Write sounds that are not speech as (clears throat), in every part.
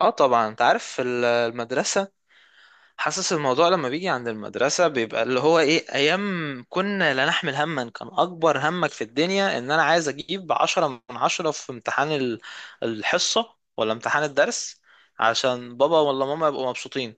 اه طبعا، انت عارف في المدرسة، حاسس الموضوع لما بيجي عند المدرسة بيبقى اللي هو ايه. ايام كنا لا نحمل هما، كان اكبر همك في الدنيا ان انا عايز اجيب 10 من 10 في امتحان الحصة ولا امتحان الدرس، عشان بابا ولا ماما يبقوا مبسوطين.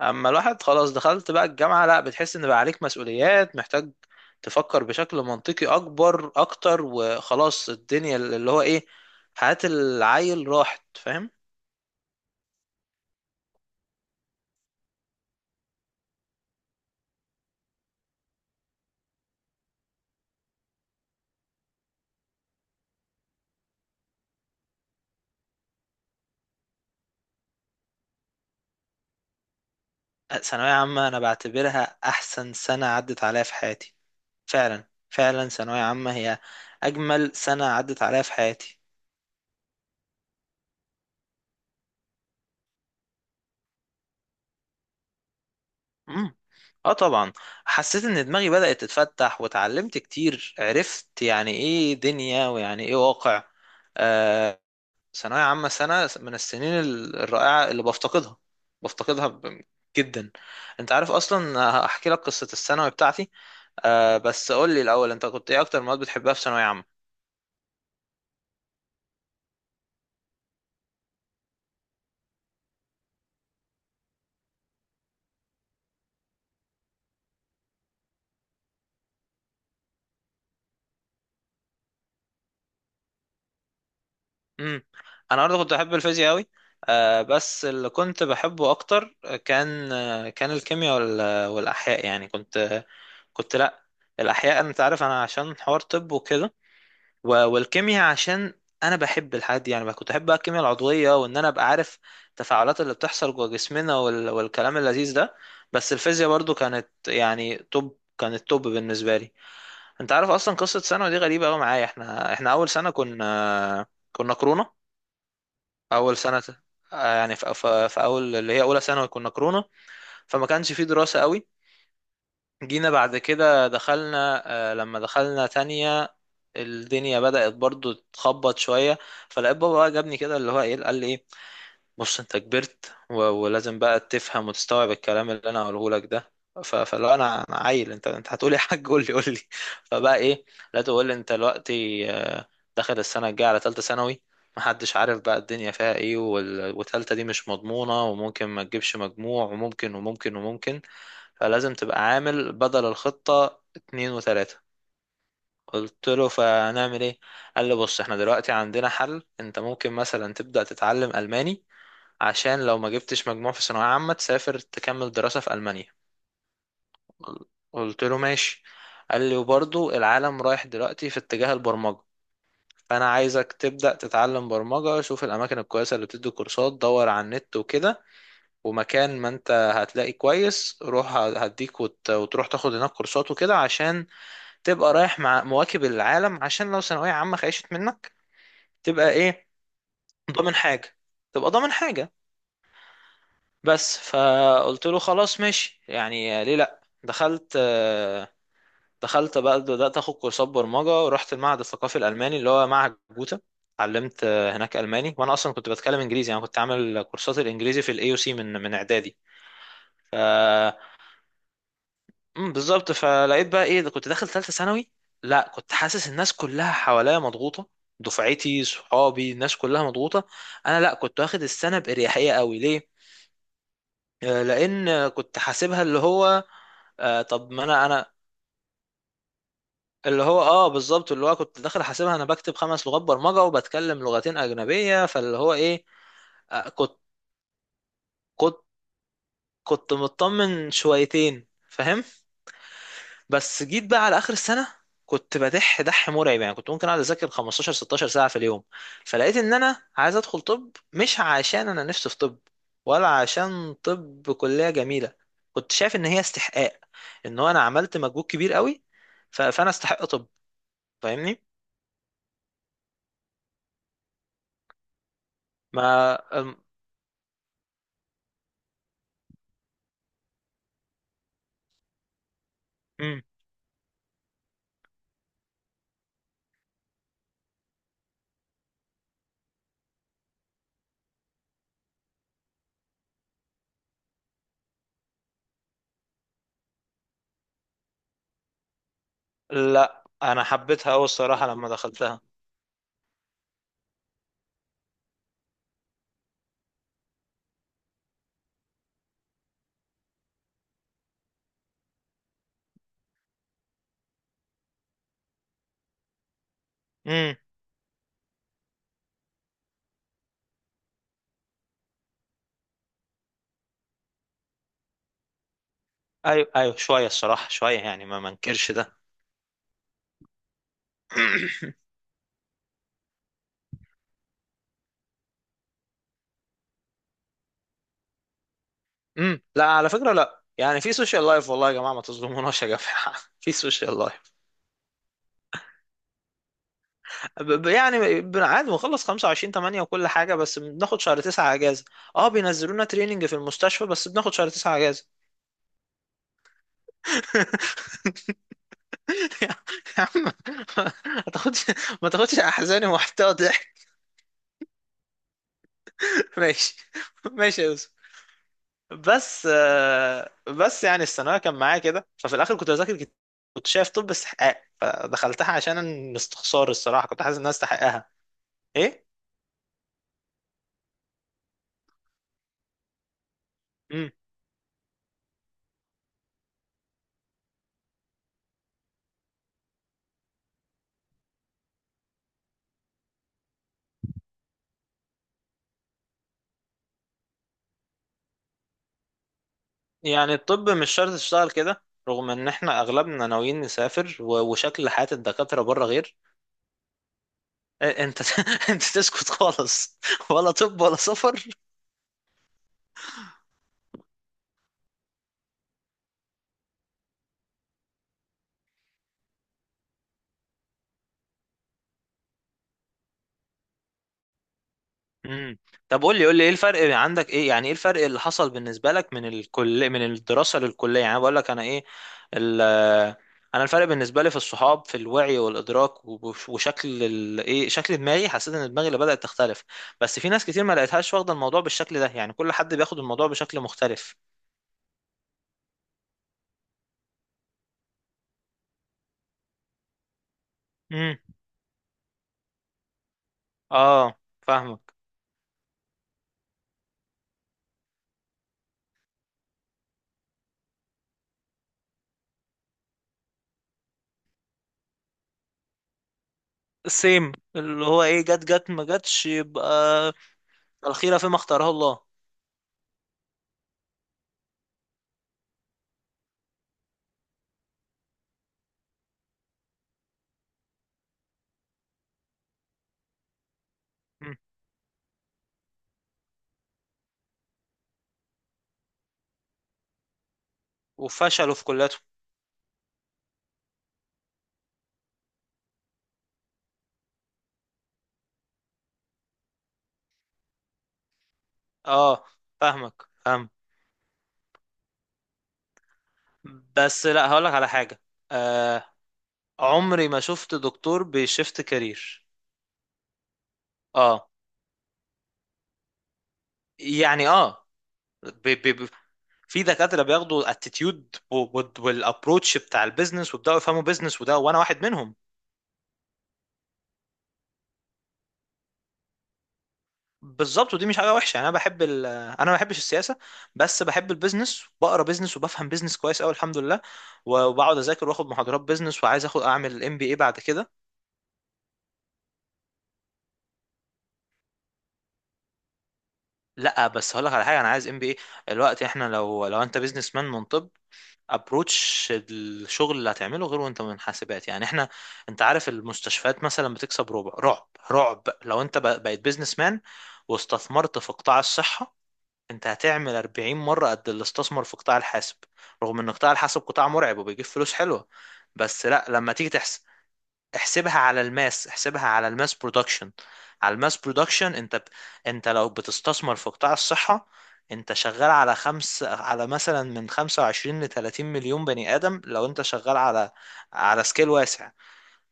اما الواحد خلاص دخلت بقى الجامعة، لا، بتحس ان بقى عليك مسؤوليات، محتاج تفكر بشكل منطقي اكبر اكتر، وخلاص الدنيا اللي هو ايه، حياة العيل راحت، فاهم. ثانوية عامة أنا بعتبرها أحسن سنة عدت عليا في حياتي. فعلا فعلا، ثانوية عامة هي أجمل سنة عدت عليا في حياتي. مم. اه طبعا، حسيت ان دماغي بدأت تتفتح وتعلمت كتير، عرفت يعني ايه دنيا ويعني ايه واقع. آه، ثانوية عامة سنة من السنين الرائعة اللي بفتقدها بفتقدها جدا. انت عارف اصلا، هحكي لك قصة الثانوي بتاعتي. بس قول لي الاول، انت كنت ايه اكتر مواد بتحبها في ثانوية عامة؟ امم انا برضه كنت بحب الفيزياء قوي. بس اللي كنت بحبه اكتر كان، كان الكيمياء والاحياء. يعني كنت لا، الاحياء، انت عارف انا عشان حوار طب وكده، والكيمياء عشان انا بحب الحاجات دي. يعني بقى كنت احب بقى الكيمياء العضويه، وان انا ابقى عارف التفاعلات اللي بتحصل جوه جسمنا، والكلام اللذيذ ده. بس الفيزياء برضه كانت يعني توب، كانت توب بالنسبه لي. انت عارف اصلا قصه ثانوي دي غريبه قوي معايا. احنا اول سنه كنا كورونا. اول سنه، يعني في اول، اللي هي اولى ثانوي، كنا كورونا. فما كانش في دراسه قوي. جينا بعد كده، دخلنا آه، لما دخلنا تانية الدنيا بدأت برضو تخبط شوية. فلقيت بابا بقى جابني كده، اللي هو ايه، قال لي ايه، بص انت كبرت ولازم بقى تفهم وتستوعب الكلام اللي انا هقوله لك ده. فلو انا عيل، انت هتقولي يا حاج (laughs) قول لي قول لي. فبقى ايه، لا، تقول لي انت دلوقتي، داخل السنه الجايه على ثالثه ثانوي، محدش عارف بقى الدنيا فيها ايه، وتالتة دي مش مضمونه، وممكن ما تجيبش مجموع، وممكن وممكن وممكن، فلازم تبقى عامل بدل الخطه 2 و3. قلت له فنعمل ايه؟ قال لي بص، احنا دلوقتي عندنا حل، انت ممكن مثلا تبدأ تتعلم ألماني عشان لو ما جبتش مجموع في ثانوية عامة، تسافر تكمل دراسة في ألمانيا. قلت له ماشي. قال لي وبرضو العالم رايح دلوقتي في اتجاه البرمجة، فأنا عايزك تبدأ تتعلم برمجة. شوف الأماكن الكويسة اللي بتدي كورسات، دور على النت وكده، ومكان ما أنت هتلاقي كويس روح هديك وتروح تاخد هناك كورسات وكده، عشان تبقى رايح مع مواكب العالم. عشان لو ثانوية عامة خيشت منك، تبقى إيه، ضامن حاجة. تبقى ضامن حاجة. بس فقلت له خلاص ماشي، يعني ليه لا. دخلت بقى، بدأت اخد كورسات برمجة، ورحت المعهد الثقافي الألماني اللي هو معهد جوتا. اتعلمت هناك ألماني، وانا اصلا كنت بتكلم انجليزي، يعني كنت عامل كورسات الانجليزي في الاي او سي من اعدادي. ف بالظبط. فلقيت بقى ايه ده، كنت داخل ثالثة ثانوي. لا كنت حاسس الناس كلها حواليا مضغوطة، دفعتي صحابي الناس كلها مضغوطة، انا لا كنت واخد السنة بإريحية قوي. ليه؟ لان كنت حاسبها اللي هو، طب ما انا، اللي هو بالظبط، اللي هو كنت داخل حاسبها، انا بكتب 5 لغات برمجه وبتكلم لغتين اجنبيه، فاللي هو ايه، آه كنت كنت كنت مطمن شويتين، فاهم. بس جيت بقى على اخر السنه، كنت بدح دح مرعب، يعني كنت ممكن اقعد اذاكر 15 16 ساعه في اليوم. فلقيت ان انا عايز ادخل طب، مش عشان انا نفسي في طب، ولا عشان طب كليه جميله. كنت شايف ان هي استحقاق، ان هو انا عملت مجهود كبير قوي، فانا استحق طب، فاهمني. ما أم... أم. لا انا حبيتها قوي الصراحه لما دخلتها. امم ايوه، ايوه، شويه الصراحه، شويه يعني، ما منكرش ده. (coughs) (clears throat) لا على فكره، لا يعني في سوشيال لايف، والله يا جماعه ما تظلموناش يا جماعه (laughs) في سوشيال لايف. يعني عادي بنخلص 25/8 وكل حاجه، بس بناخد شهر 9 اجازه. اه بينزلونا تريننج في المستشفى، بس بناخد شهر 9 اجازه. (laughs) يا عم، ما تاخدش، ما تاخدش احزاني ومحتوى ضحك. (laughs) ماشي، ماشي يا يوسف. بس بس يعني الثانويه كان معايا كده. ففي الاخر كنت بذاكر، كنت شايف طب استحقاق، فدخلتها عشان استخسار، الصراحه كنت حاسس ان انا استحقها. ايه. مم. يعني الطب مش شرط تشتغل كده، رغم ان احنا اغلبنا ناويين نسافر، وشكل حياة الدكاترة بره غير. إيه، انت (laughs) انت تسكت خالص، ولا طب ولا سفر. مم. طب قول لي، قول لي ايه الفرق عندك، ايه يعني ايه الفرق اللي حصل بالنسبة لك من الكل، من الدراسة للكلية، يعني بقول لك انا ايه ال... انا الفرق بالنسبة لي في الصحاب، في الوعي والادراك، وشكل ايه، شكل دماغي، حسيت ان دماغي اللي بدأت تختلف. بس في ناس كتير ما لقيتهاش واخدة الموضوع بالشكل ده، يعني كل حد بياخد الموضوع بشكل مختلف. امم اه، فاهمك. السيم اللي هو ايه، جت جت ما جتش، يبقى الخيرة فيما اختاره الله. مم. وفشلوا في كليته. اه فاهمك، فاهم. بس لا هقولك على حاجة، آه عمري ما شفت دكتور بيشفت كارير. اه يعني، اه بي بي بي في دكاترة بياخدوا اتيتيود والابروتش بتاع البيزنس، ويبداوا يفهموا بيزنس وده، وانا واحد منهم. بالظبط، ودي مش حاجه وحشه. يعني انا بحب انا ما بحبش السياسه، بس بحب البيزنس وبقرا بيزنس وبفهم بيزنس كويس قوي الحمد لله. وبقعد اذاكر واخد محاضرات بيزنس، وعايز اخد اعمل ام بي اي بعد كده. لا بس هقول لك على حاجه، انا عايز ام بي اي الوقت. احنا لو انت بيزنس مان من طب، ابروتش الشغل اللي هتعمله غير وانت من حاسبات. يعني احنا، انت عارف المستشفيات مثلا بتكسب ربع رعب، رعب لو انت بقيت بيزنس مان واستثمرت في قطاع الصحه، انت هتعمل 40 مرة قد اللي استثمر في قطاع الحاسب، رغم ان قطاع الحاسب قطاع مرعب وبيجيب فلوس حلوة. بس لا، لما تيجي تحسب، احسبها على الماس، احسبها على الماس برودكشن، على الماس برودكشن. انت انت لو بتستثمر في قطاع الصحة، انت شغال على خمس على مثلا من 25 ل 30 مليون بني آدم، لو انت شغال على على سكيل واسع،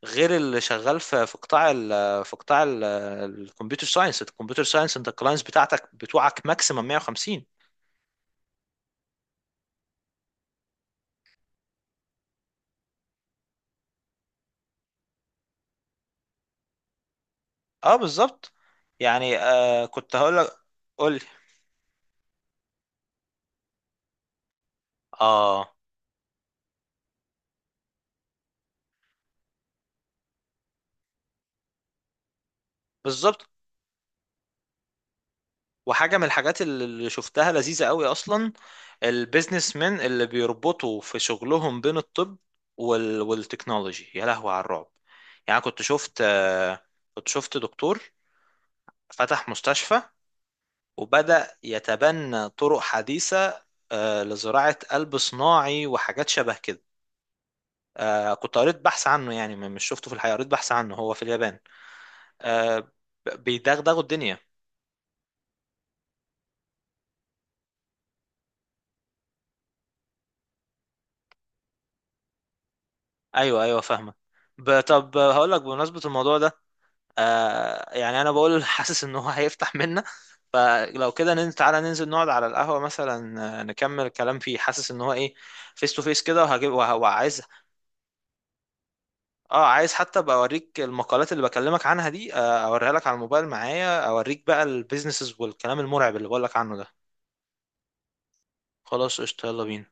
غير اللي شغال في في قطاع في قطاع الكمبيوتر ساينس، الكمبيوتر ساينس انت الكلاينتس بتاعتك بتوعك ماكسيمم 150. اه بالظبط، يعني كنت هقول لك. قول لي. اه بالظبط. وحاجه من الحاجات اللي شفتها لذيذه قوي اصلا، البيزنس مان اللي بيربطوا في شغلهم بين الطب والتكنولوجي، يا لهوي على الرعب. يعني كنت شفت آه، كنت شفت دكتور فتح مستشفى وبدأ يتبنى طرق حديثه، لزراعه قلب صناعي وحاجات شبه كده. كنت قريت بحث عنه، يعني مش شفته في الحقيقه، قريت بحث عنه، هو في اليابان. آه بيدغدغوا الدنيا. ايوه، ايوه، فاهمه. طب هقول لك، بمناسبه الموضوع ده، يعني انا بقول (laughs) حاسس ان هو هيفتح منا. فلو كده ننزل، تعالى ننزل نقعد على القهوه مثلا، نكمل الكلام فيه، حاسس ان هو ايه، فيس تو فيس كده، وهجيب وعايز اه، عايز حتى ابقى اوريك المقالات اللي بكلمك عنها دي، اوريها لك على الموبايل معايا، اوريك بقى البيزنسز والكلام المرعب اللي بقول لك عنه ده. خلاص قشطه، يلا بينا.